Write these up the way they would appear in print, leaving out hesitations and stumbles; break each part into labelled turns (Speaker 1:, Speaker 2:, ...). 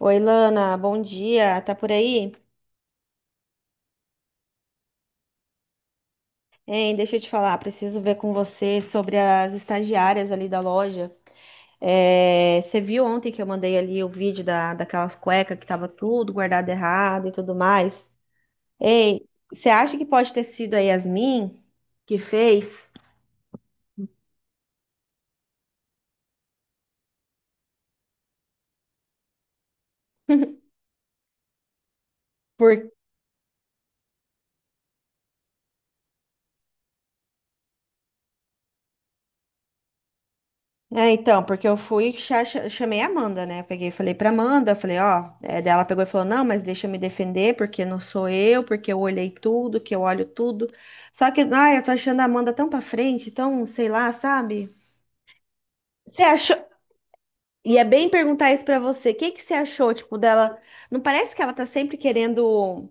Speaker 1: Oi, Lana, bom dia. Tá por aí? Hein, deixa eu te falar, preciso ver com você sobre as estagiárias ali da loja. É, você viu ontem que eu mandei ali o vídeo daquelas cuecas que tava tudo guardado errado e tudo mais? Ei, você acha que pode ter sido a Yasmin que fez? É, então, porque eu fui, chamei a Amanda, né? Peguei, e falei pra Amanda, falei, ó, é, daí ela pegou e falou, não, mas deixa eu me defender, porque não sou eu, porque eu olhei tudo, que eu olho tudo. Só que, ai, eu tô achando a Amanda tão pra frente, tão, sei lá, sabe? Você achou? E é bem perguntar isso pra você, o que que você achou, tipo, dela? Não parece que ela tá sempre querendo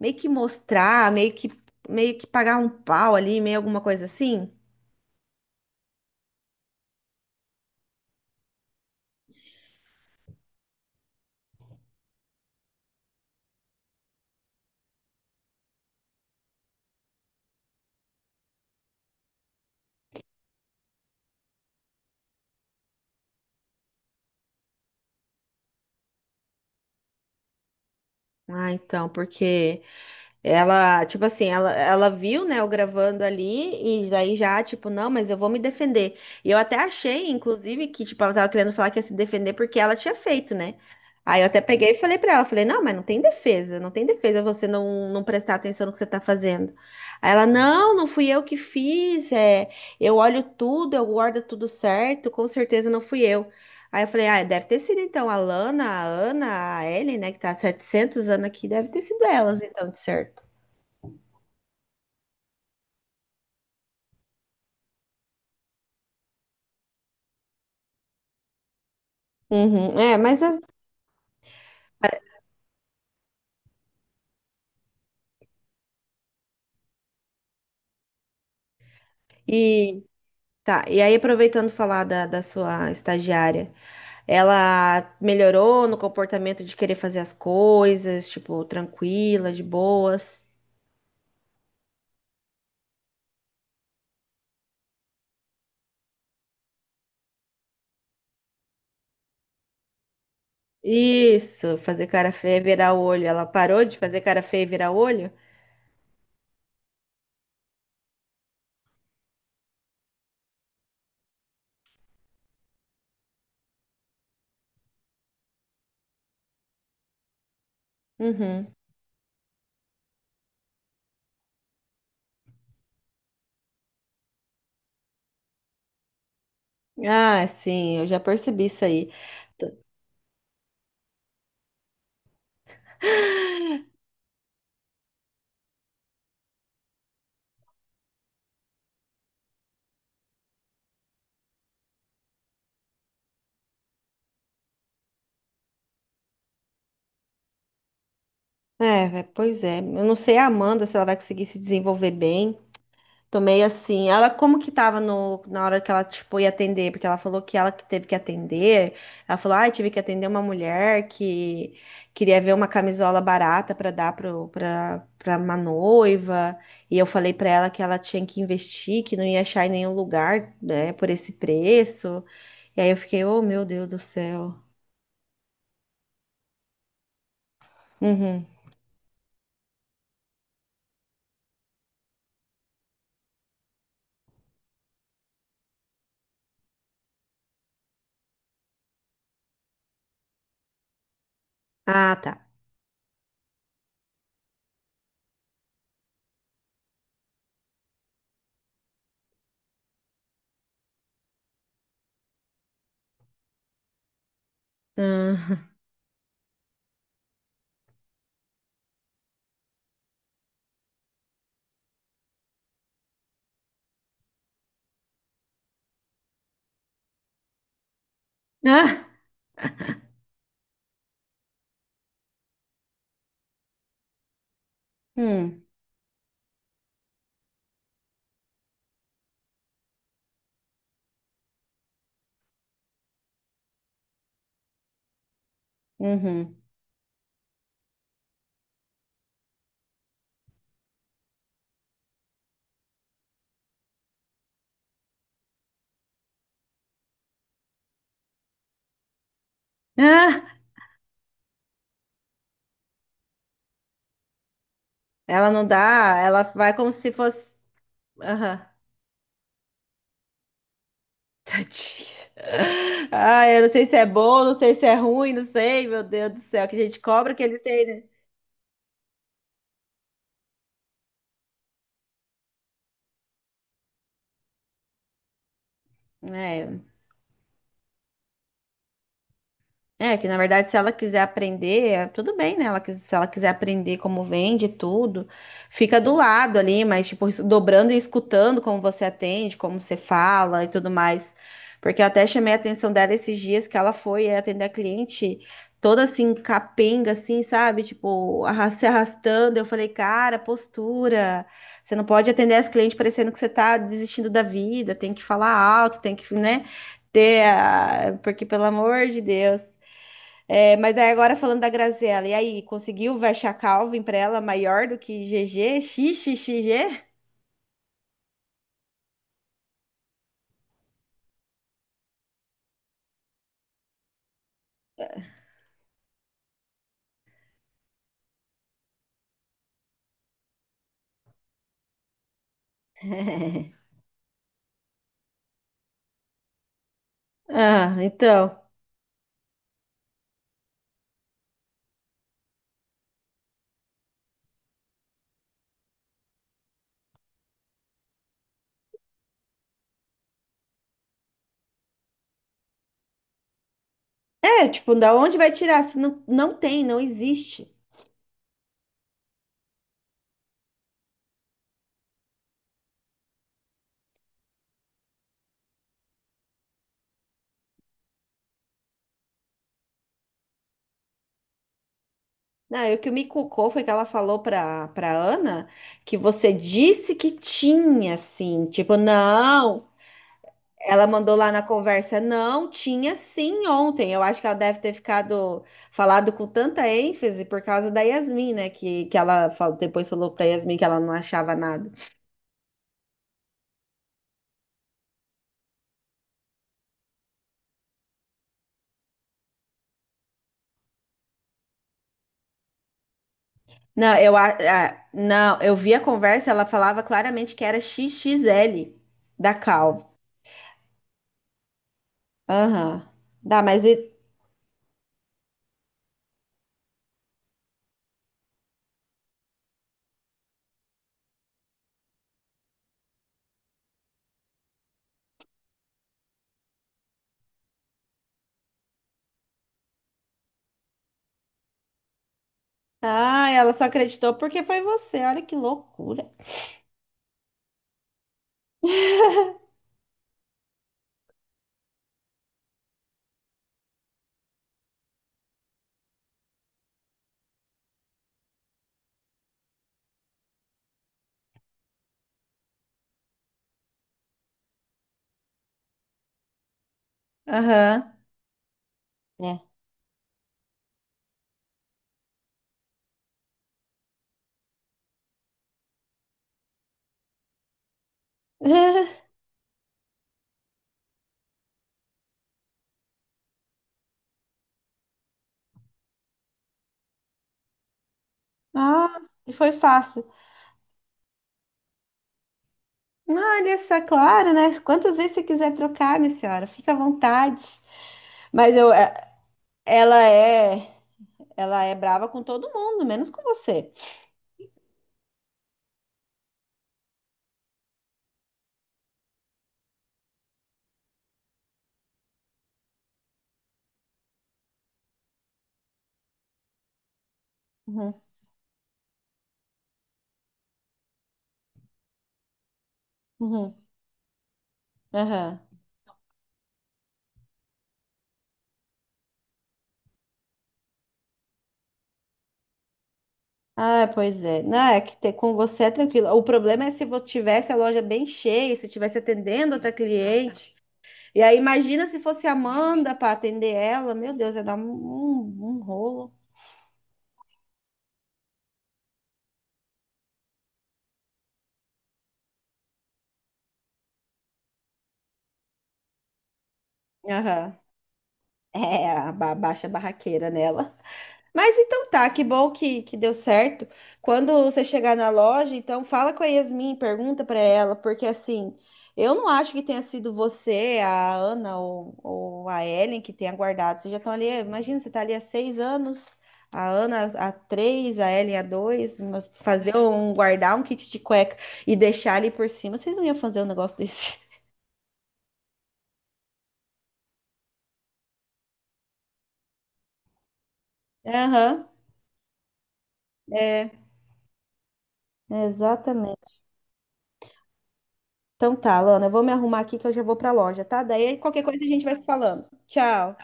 Speaker 1: meio que mostrar, meio que pagar um pau ali, meio alguma coisa assim? Ah, então, porque. Ela, tipo assim, ela viu, né, eu gravando ali, e daí já, tipo, não, mas eu vou me defender. E eu até achei, inclusive, que, tipo, ela tava querendo falar que ia se defender porque ela tinha feito, né? Aí eu até peguei e falei pra ela, falei, não, mas não tem defesa, não tem defesa você não prestar atenção no que você tá fazendo. Aí ela, não, não fui eu que fiz, é, eu olho tudo, eu guardo tudo certo, com certeza não fui eu. Aí eu falei, ah, deve ter sido então a Lana, a Ana, a Ellen, né, que tá há 700 anos aqui, deve ter sido elas então, de certo. Uhum, é, mas e tá. E aí aproveitando falar da sua estagiária, ela melhorou no comportamento de querer fazer as coisas, tipo, tranquila, de boas. Isso, fazer cara feia e virar o olho. Ela parou de fazer cara feia e virar o olho? Uhum. Ah, sim, eu já percebi isso aí. T- É, vé, pois é. Eu não sei a Amanda se ela vai conseguir se desenvolver bem. Tomei assim. Ela como que tava no, na hora que ela, tipo, ia atender? Porque ela falou que ela que teve que atender. Ela falou, ah, tive que atender uma mulher que queria ver uma camisola barata para dar pra uma noiva. E eu falei para ela que ela tinha que investir, que não ia achar em nenhum lugar, né, por esse preço. E aí eu fiquei, oh, meu Deus do céu. Uhum. Ah, tá. Ah. Ah. Hum. Uhum. Ah, ela não dá, ela vai como se fosse. Aham. Tadinha. Ah, eu não sei se é bom, não sei se é ruim, não sei, meu Deus do céu, que a gente cobra que eles têm, né? É. É, que na verdade, se ela quiser aprender, tudo bem, né? Ela, se ela quiser aprender como vende tudo, fica do lado ali, mas, tipo, dobrando e escutando como você atende, como você fala e tudo mais. Porque eu até chamei a atenção dela esses dias que ela foi, é, atender a cliente toda assim, capenga, assim, sabe? Tipo, se arrastando. Eu falei, cara, postura. Você não pode atender as clientes parecendo que você tá desistindo da vida, tem que falar alto, tem que, né? Porque, pelo amor de Deus. É, mas aí agora falando da Graziella, e aí, conseguiu verchar Calvin pra ela maior do que GG? XXXG? Ah, então. É, tipo, da onde vai tirar? Se não, não tem, não existe. Não, e o que me cucou foi que ela falou pra Ana que você disse que tinha, assim. Tipo, não. Ela mandou lá na conversa, não, tinha sim ontem. Eu acho que ela deve ter ficado falado com tanta ênfase por causa da Yasmin, né? Que ela falou, depois falou pra Yasmin que ela não achava nada. Não, eu, não, eu vi a conversa, ela falava claramente que era XXL da Calvo. Aham. Dá, mas e... Ah, ela só acreditou porque foi você. Olha que loucura. Aham. É. Ah, e foi fácil. Olha só, claro, né? Quantas vezes você quiser trocar, minha senhora, fica à vontade. Mas eu, ela é, ela é brava com todo mundo, menos com você. Uhum, uhum, aham. Ah, pois é. Não, é que ter com você é tranquilo. O problema é se eu tivesse a loja bem cheia, se eu estivesse atendendo outra cliente. E aí, imagina se fosse a Amanda para atender ela. Meu Deus, ia dar um rolo. Aham. É, a baixa barraqueira nela. Mas então tá, que bom que deu certo. Quando você chegar na loja, então fala com a Yasmin, pergunta pra ela, porque assim, eu não acho que tenha sido você, a Ana ou a Ellen que tenha guardado. Vocês já estão ali, imagina, você tá ali há 6 anos, a Ana há 3, a Ellen há 2, fazer um, guardar um kit de cueca e deixar ali por cima, vocês não iam fazer um negócio desse. Aham, é, exatamente. Então tá, Lana, eu vou me arrumar aqui que eu já vou pra loja, tá? Daí qualquer coisa a gente vai se falando. Tchau.